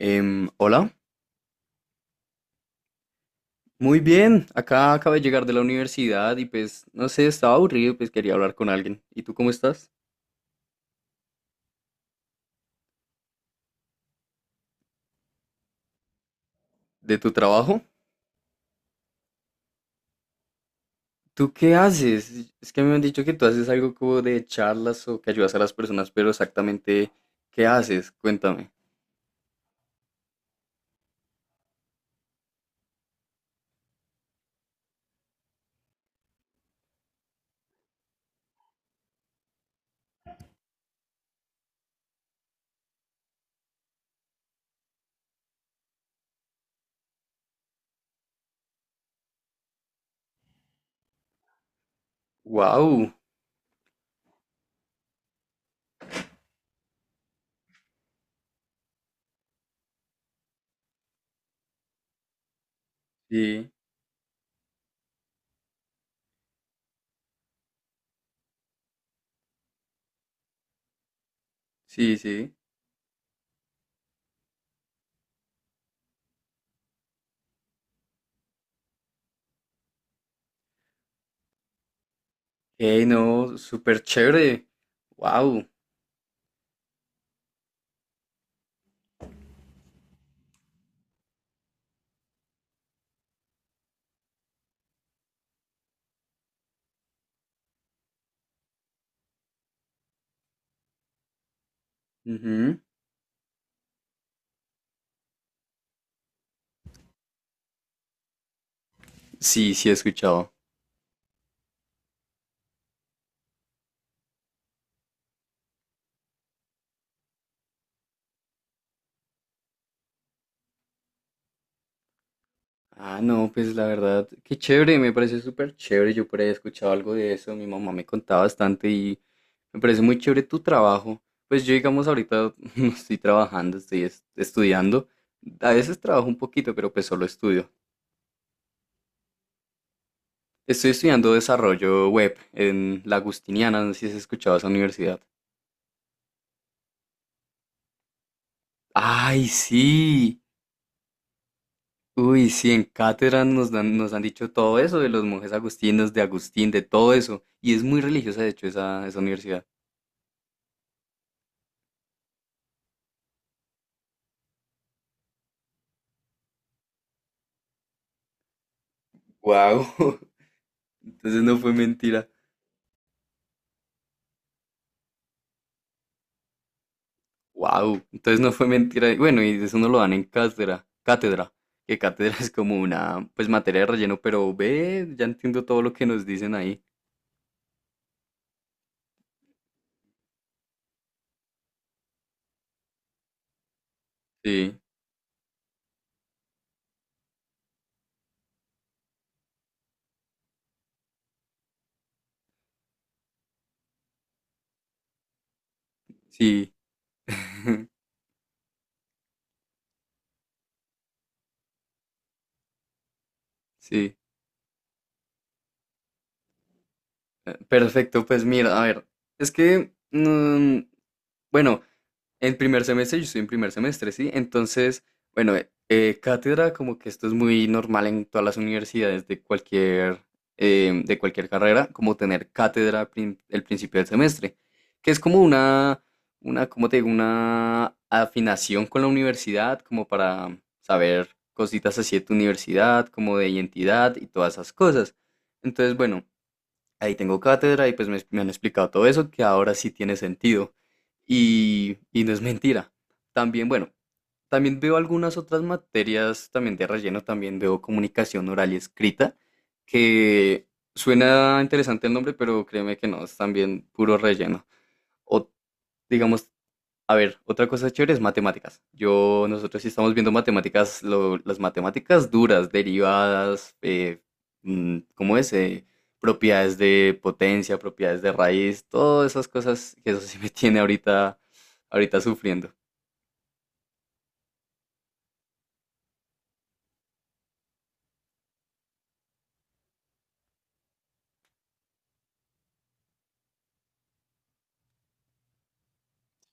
Em, hola, Muy bien. Acá acabo de llegar de la universidad y pues, no sé, estaba aburrido, pues quería hablar con alguien. ¿Y tú cómo estás? ¿De tu trabajo? ¿Tú qué haces? Es que me han dicho que tú haces algo como de charlas o que ayudas a las personas, pero exactamente, ¿qué haces? Cuéntame. Wow. Sí, sí, sí. Hey, no, súper chévere. Wow. Sí, sí he escuchado. Ah, no, pues la verdad, qué chévere, me parece súper chévere. Yo por ahí he escuchado algo de eso, mi mamá me contaba bastante y me parece muy chévere tu trabajo. Pues yo, digamos, ahorita no estoy trabajando, estudiando. A veces trabajo un poquito, pero pues solo estudio. Estoy estudiando desarrollo web en la Agustiniana, no sé si has escuchado esa universidad. ¡Ay, sí! Uy, sí, en cátedra nos dan, nos han dicho todo eso de los monjes agustinos, de Agustín, de todo eso. Y es muy religiosa, de hecho, esa universidad. Wow. Entonces no fue mentira. Wow, entonces no fue mentira. Y bueno, y eso no lo dan en cátedra, que cátedra es como una, pues materia de relleno, pero ve, ya entiendo todo lo que nos dicen ahí. Sí, sí, sí. Perfecto, pues mira, a ver, es que, bueno, en primer semestre, yo estoy en primer semestre, ¿sí? Entonces, bueno, cátedra, como que esto es muy normal en todas las universidades de cualquier, de cualquier carrera, como tener cátedra al el principio del semestre, que es como una, ¿cómo te digo? Una afinación con la universidad, como para saber cositas así de tu universidad, como de identidad y todas esas cosas. Entonces, bueno, ahí tengo cátedra y pues me han explicado todo eso, que ahora sí tiene sentido. Y no es mentira. También, bueno, también veo algunas otras materias también de relleno, también veo comunicación oral y escrita, que suena interesante el nombre, pero créeme que no, es también puro relleno. O digamos, a ver, otra cosa chévere es matemáticas. Yo, nosotros sí estamos viendo matemáticas, las matemáticas duras, derivadas, ¿cómo es? Propiedades de potencia, propiedades de raíz, todas esas cosas que eso sí me tiene ahorita sufriendo.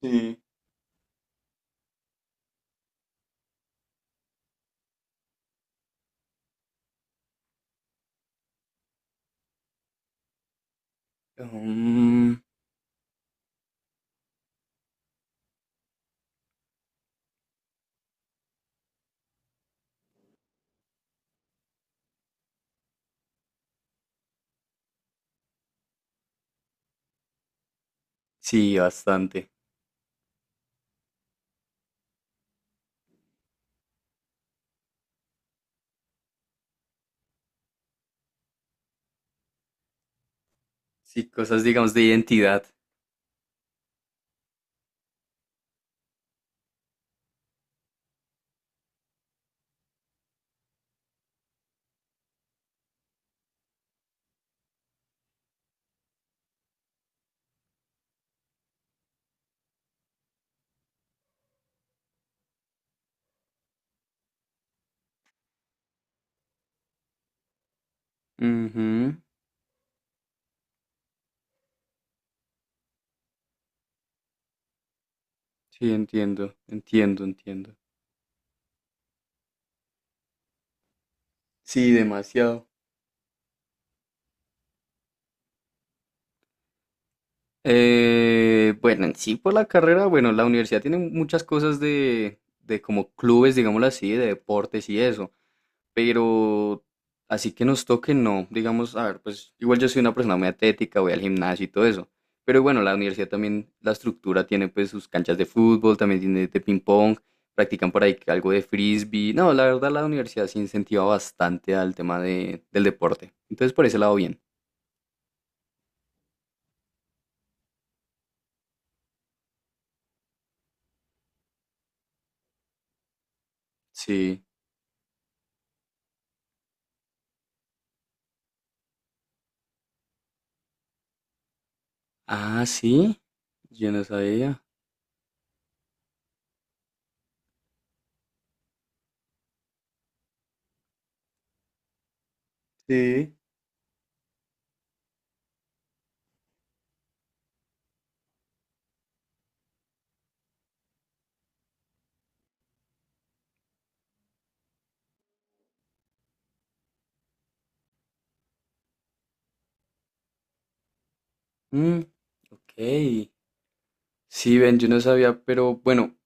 Sí. Mm, sí, bastante. Sí, cosas, digamos, de identidad. Ujú. Sí, entiendo, entiendo, entiendo. Sí, demasiado. Bueno, en sí por la carrera, bueno, la universidad tiene muchas cosas de como clubes, digámoslo así, de deportes y eso, pero así que nos toque, no, digamos, a ver, pues igual yo soy una persona muy atlética, voy al gimnasio y todo eso, pero bueno, la universidad también, la estructura tiene pues sus canchas de fútbol, también tiene de ping pong, practican por ahí que algo de frisbee, no, la verdad la universidad se incentiva bastante al tema de, del deporte, entonces por ese lado bien. Sí. Ah, sí, yo no sabía. Sí. Mm, ok. Sí, ven, yo no sabía, pero bueno,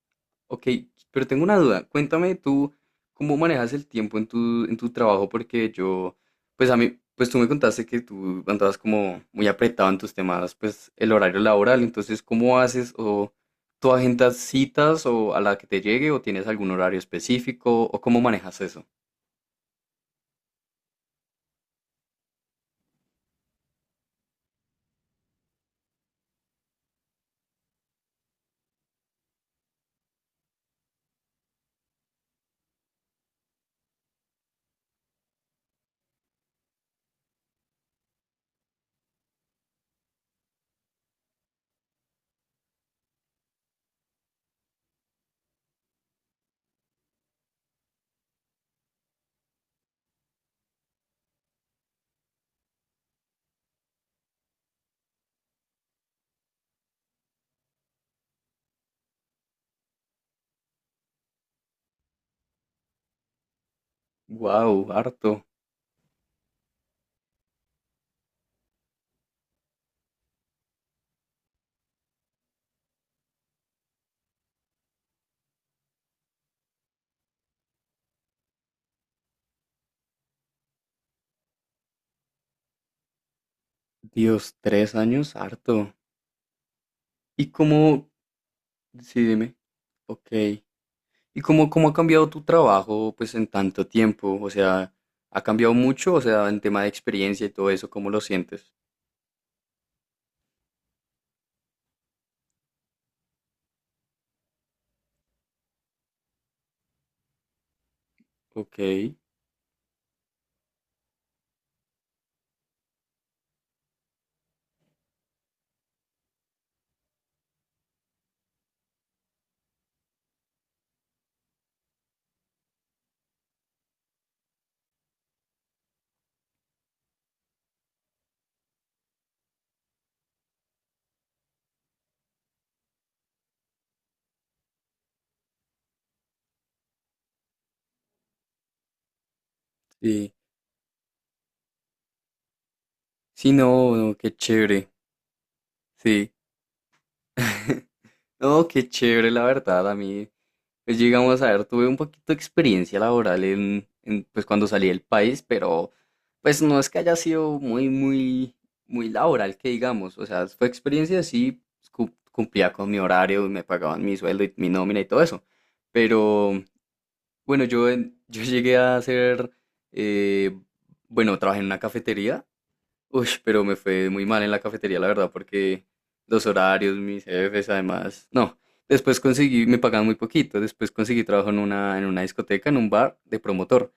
ok, pero tengo una duda. Cuéntame tú cómo manejas el tiempo en en tu trabajo, porque yo, pues a mí, pues tú me contaste que tú andabas como muy apretado en tus temas, pues el horario laboral, entonces, ¿cómo haces? ¿O tú agendas citas o a la que te llegue o tienes algún horario específico o cómo manejas eso? Wow, harto. Dios, 3 años, harto. ¿Y cómo? Sí, dime. Ok. ¿Y cómo ha cambiado tu trabajo pues en tanto tiempo? O sea, ¿ha cambiado mucho? O sea, en tema de experiencia y todo eso, ¿cómo lo sientes? Ok, sí. Sí, no, no, qué chévere. Sí. No, qué chévere, la verdad. A mí, pues llegamos a ver, tuve un poquito de experiencia laboral en, pues cuando salí del país, pero pues no es que haya sido muy laboral, que digamos. O sea, fue experiencia, sí, pues, cumplía con mi horario, me pagaban mi sueldo y mi nómina y todo eso. Pero, bueno, yo llegué a hacer, eh, bueno, trabajé en una cafetería. Uy, pero me fue muy mal en la cafetería, la verdad, porque los horarios, mis jefes, además. No, después conseguí, me pagaban muy poquito. Después conseguí trabajo en una discoteca, en un bar de promotor,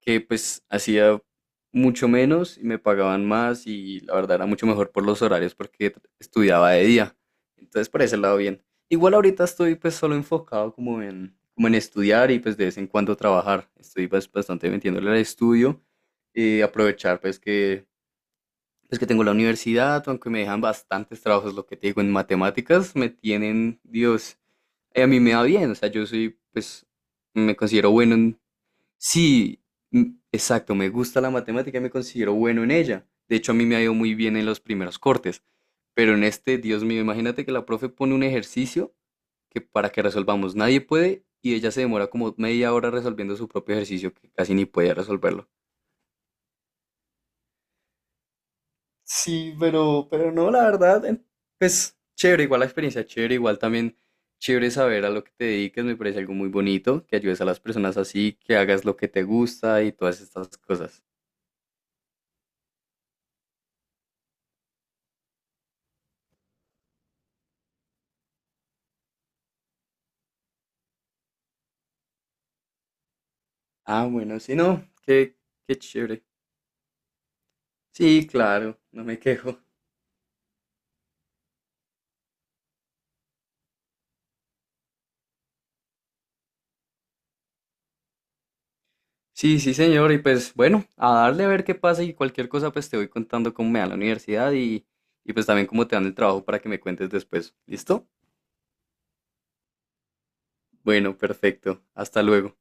que pues hacía mucho menos y me pagaban más y la verdad era mucho mejor por los horarios porque estudiaba de día. Entonces, por ese lado, bien. Igual ahorita estoy pues solo enfocado como en, como en estudiar y pues de vez en cuando trabajar. Estoy pues, bastante metiéndole al estudio y aprovechar pues que es que tengo la universidad, aunque me dejan bastantes trabajos, lo que te digo, en matemáticas me tienen, Dios, a mí me va bien, o sea, yo soy, pues, me considero bueno en... Sí, exacto, me gusta la matemática y me considero bueno en ella. De hecho, a mí me ha ido muy bien en los primeros cortes, pero en este, Dios mío, imagínate que la profe pone un ejercicio que para que resolvamos nadie puede y ella se demora como media hora resolviendo su propio ejercicio que casi ni podía resolverlo. Sí, pero no, la verdad, en- pues chévere, igual la experiencia, chévere, igual también chévere saber a lo que te dediques, me parece algo muy bonito, que ayudes a las personas así, que hagas lo que te gusta y todas estas cosas. Ah, bueno, sí, no, qué, qué chévere. Sí, claro, no me quejo. Sí, sí, señor, y pues bueno, a darle a ver qué pasa y cualquier cosa, pues te voy contando cómo me va en la universidad y pues también cómo te dan el trabajo para que me cuentes después. ¿Listo? Bueno, perfecto. Hasta luego.